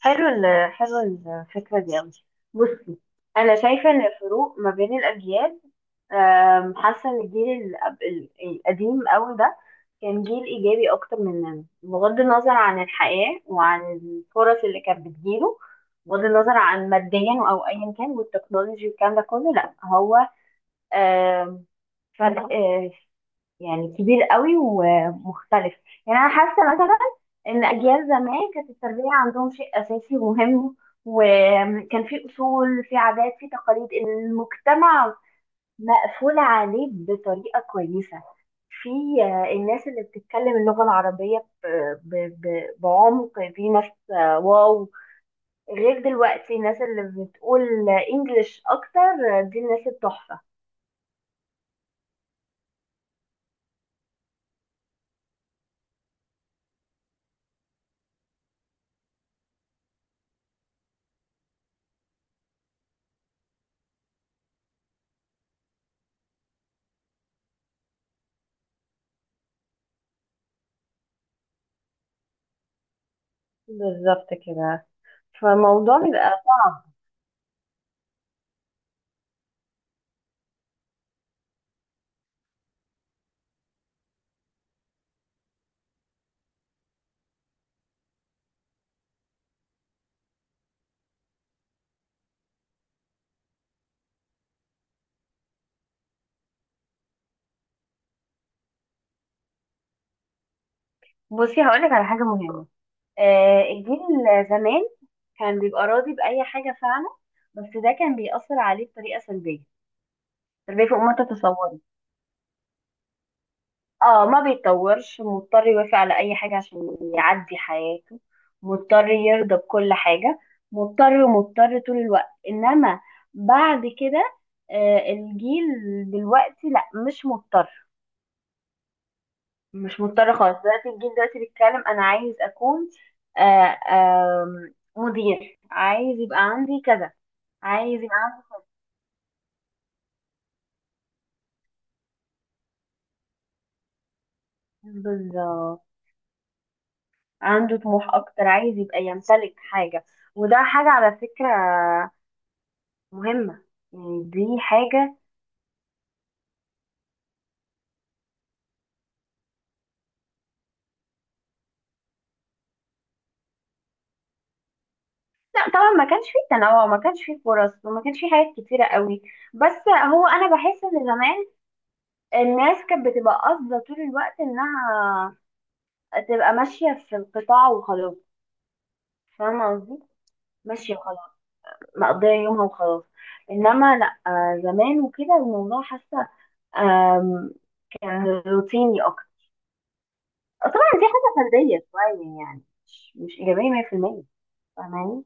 حلو الفكرة دي أوي. بصي، أنا شايفة إن الفروق ما بين الأجيال، حاسة إن الجيل القديم أوي ده كان جيل إيجابي أكتر مننا، بغض النظر عن الحياة وعن الفرص اللي كانت بتجيله، بغض النظر عن ماديا أو أيا كان والتكنولوجي والكلام ده كله. لأ، هو أم، فرق يعني كبير قوي ومختلف. يعني انا حاسه مثلا ان اجيال زمان كانت التربيه عندهم شيء اساسي ومهم، وكان في اصول، في عادات، في تقاليد المجتمع مقفول عليه بطريقه كويسه. في الناس اللي بتتكلم اللغه العربيه بعمق، في ناس واو، غير دلوقتي الناس اللي بتقول انجليش اكتر، دي الناس التحفه. بالظبط كده، فالموضوع بيبقى. بصي، هقولك على حاجة مهمة. الجيل زمان كان بيبقى راضي بأي حاجة فعلا، بس ده كان بيأثر عليه بطريقة سلبية. سلبية فوق ما تتصوري. اه، ما بيتطورش. مضطر يوافق على أي حاجة عشان يعدي حياته، مضطر يرضى بكل حاجة، مضطر ومضطر طول الوقت. إنما بعد كده الجيل دلوقتي لا، مش مضطر. مش مضطرة خالص. دلوقتي الجيل دلوقتي بيتكلم أنا عايز أكون آه، آم، مدير، عايز يبقى عندي كذا، عايز يبقى عندي. بالظبط. عنده طموح أكتر، عايز يبقى يمتلك حاجة. وده حاجة على فكرة مهمة. يعني دي حاجة. لا، طبعا ما كانش فيه تنوع، ما كانش فيه فرص، وما كانش فيه حاجات كتيرة قوي. بس هو أنا بحس إن زمان الناس كانت بتبقى قاصدة طول الوقت إنها تبقى ماشية في القطاع وخلاص. فاهمة قصدي؟ ماشية وخلاص، مقضية يومها وخلاص. انما لا، زمان وكده الموضوع حاسة آم، كان روتيني اكتر. طبعا دي حاجة فردية شوية، يعني مش ايجابية 100%. فاهماني؟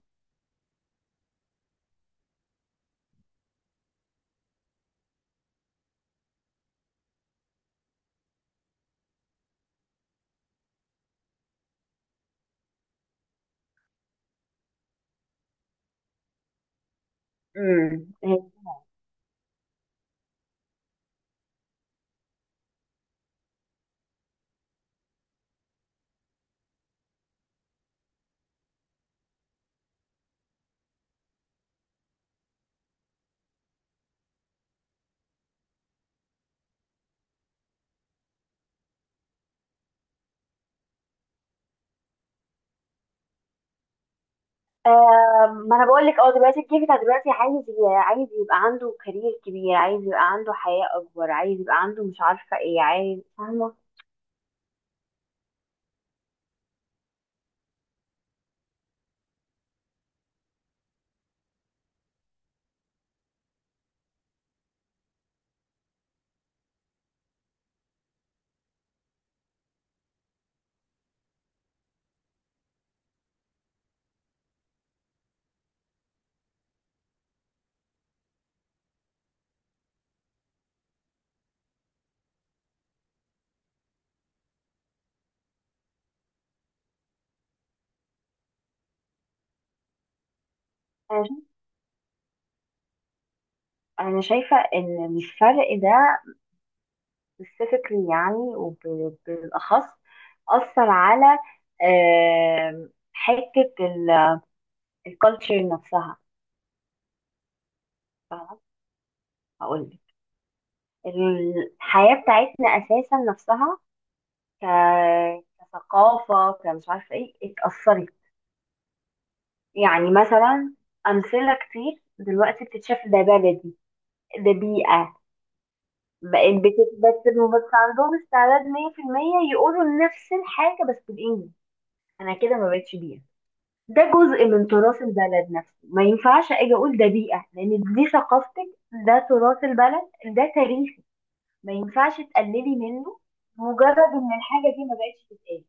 امم ما انا بقول لك، اه، دلوقتي الجيل بتاع دلوقتي عايز يبقى عنده كارير كبير، عايز يبقى عنده حياة اكبر، عايز يبقى عنده مش عارفة ايه عايز. فاهمة؟ انا شايفة انا شايفة ان الفرق ده specifically، يعني وبالأخص، أثر على حتة الكالتشر نفسها. فاهمة؟ هقول لك، الحياة بتاعتنا أساسا نفسها ك... كثقافة، كمش عارفة إيه، اتأثرت. يعني مثلا، أمثلة كتير دلوقتي بتتشاف ده بلدي، ده بيئة، بقت بس عندهم استعداد 100% يقولوا نفس الحاجة بس بالإنجليزي. أنا كده ما بقتش بيئة. ده جزء من تراث البلد نفسه، ما ينفعش اجي اقول ده بيئة، لان دي ثقافتك، ده تراث البلد، ده تاريخك، ما ينفعش تقللي منه، مجرد ان الحاجة دي ما بقتش تتقال.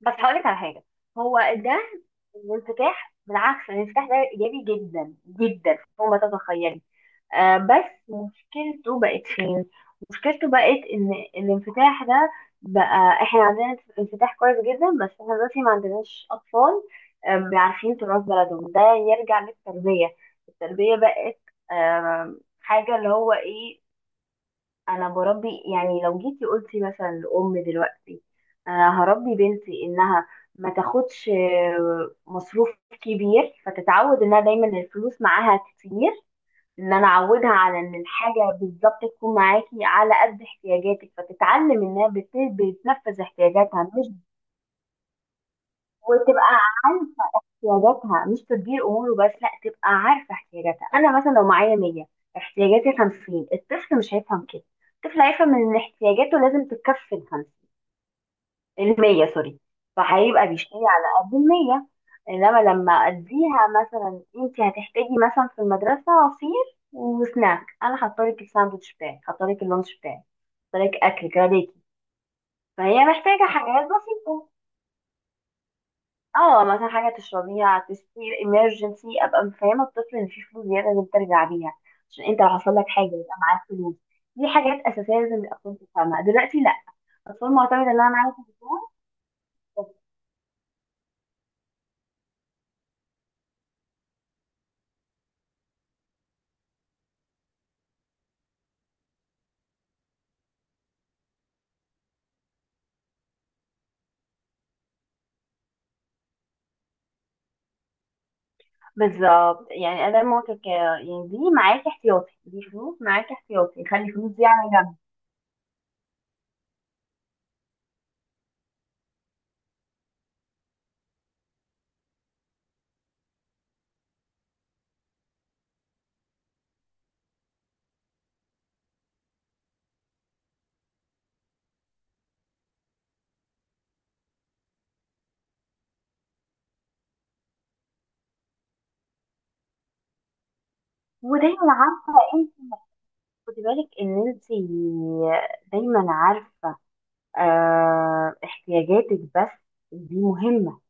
بس هقولك على حاجة، هو ده الانفتاح. بالعكس، الانفتاح ده ايجابي جدا جدا فوق ما تتخيلي. بس مشكلته بقت فين؟ مشكلته بقت ان الانفتاح ده بقى احنا عندنا انفتاح كويس جدا، بس احنا دلوقتي ما عندناش اطفال بيعرفين تراث بلدهم. ده يرجع للتربية. التربية بقت آه، حاجة اللي هو ايه. انا بربي، يعني لو جيتي قلتي مثلا لأم دلوقتي انا هربي بنتي انها ما تاخدش مصروف كبير فتتعود انها دايما الفلوس معاها كتير، ان انا اعودها على ان الحاجه بالظبط تكون معاكي على قد احتياجاتك، فتتعلم انها بتنفذ احتياجاتها، مش وتبقى عارفه احتياجاتها، مش تدبير اموره بس، لا تبقى عارفه احتياجاتها. انا مثلا لو معايا 100، احتياجاتي 50، الطفل مش هيفهم كده. الطفل هيفهم ان احتياجاته لازم تتكفل 50. 100 سوري فهيبقى بيشتري على قد 100. انما لما اديها مثلا، انت هتحتاجي مثلا في المدرسة عصير وسناك، انا حاطلك الساندوتش بتاعي، حاطلك اللانش بتاعي، حاطلك اكل كده ليكي. فهي محتاجة حاجات بسيطة. اه، مثلا حاجة تشربيها، تسير emergency. ابقى مفهمة الطفل ان في فلوس زيادة لازم ترجع بيها، عشان انت لو حصل لك حاجة يبقى معاك فلوس. دي حاجات اساسية لازم الاطفال تفهمها. دلوقتي لا، الاطفال معتمدة ان انا معايا تليفون. بالظبط، يعني أداء مواقف، يعني دي معاكي احتياطي، دي فلوس معاكي احتياطي، خلي الفلوس دي على جنب. ودايما عارفة انت، خدي بالك ان انت دايما عارفة احتياجاتك بس. دي مهمة.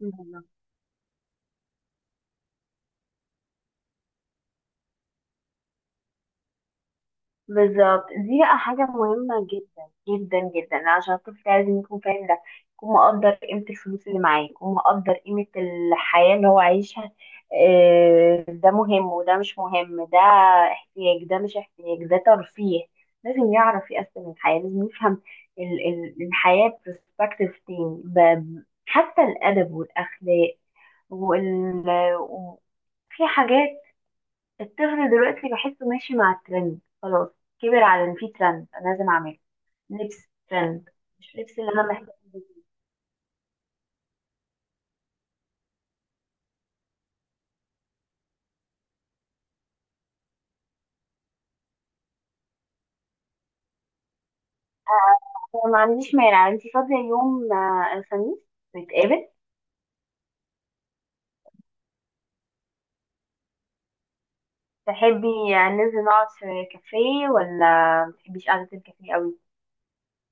فاهمة؟ بالظبط، دي بقى حاجة مهمة جدا جدا جدا، عشان الطفل لازم يكون فاهم ده، يكون مقدر قيمة الفلوس اللي معاه، يكون مقدر قيمة الحياة اللي هو عايشها. ده مهم وده مش مهم، ده احتياج ده مش احتياج ده ترفيه. لازم يعرف يقسم الحياة، لازم يفهم الحياة برسبكتيف تاني، حتى الأدب والأخلاق وال... و- في حاجات. الطفل دلوقتي بحسه ماشي مع الترند خلاص. كبر على ان في ترند انا لازم اعمله. لبس ترند، مش لبس اللي انا محتاجه. أنا ما عنديش مانع. انتي فاضية يوم الخميس نتقابل؟ تحبي ننزل نقعد في كافيه، ولا ما تحبيش قعدة الكافيه قوي؟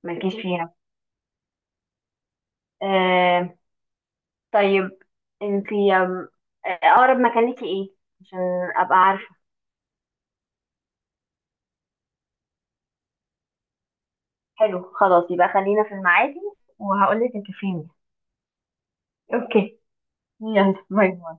مالكيش فيها. آه طيب، انتي آم، آه، اقرب مكان ليكي ايه، عشان ابقى عارفة؟ حلو، خلاص يبقى خلينا في المعادي، وهقولك الكافيه مين. اوكي. يلا، باي باي.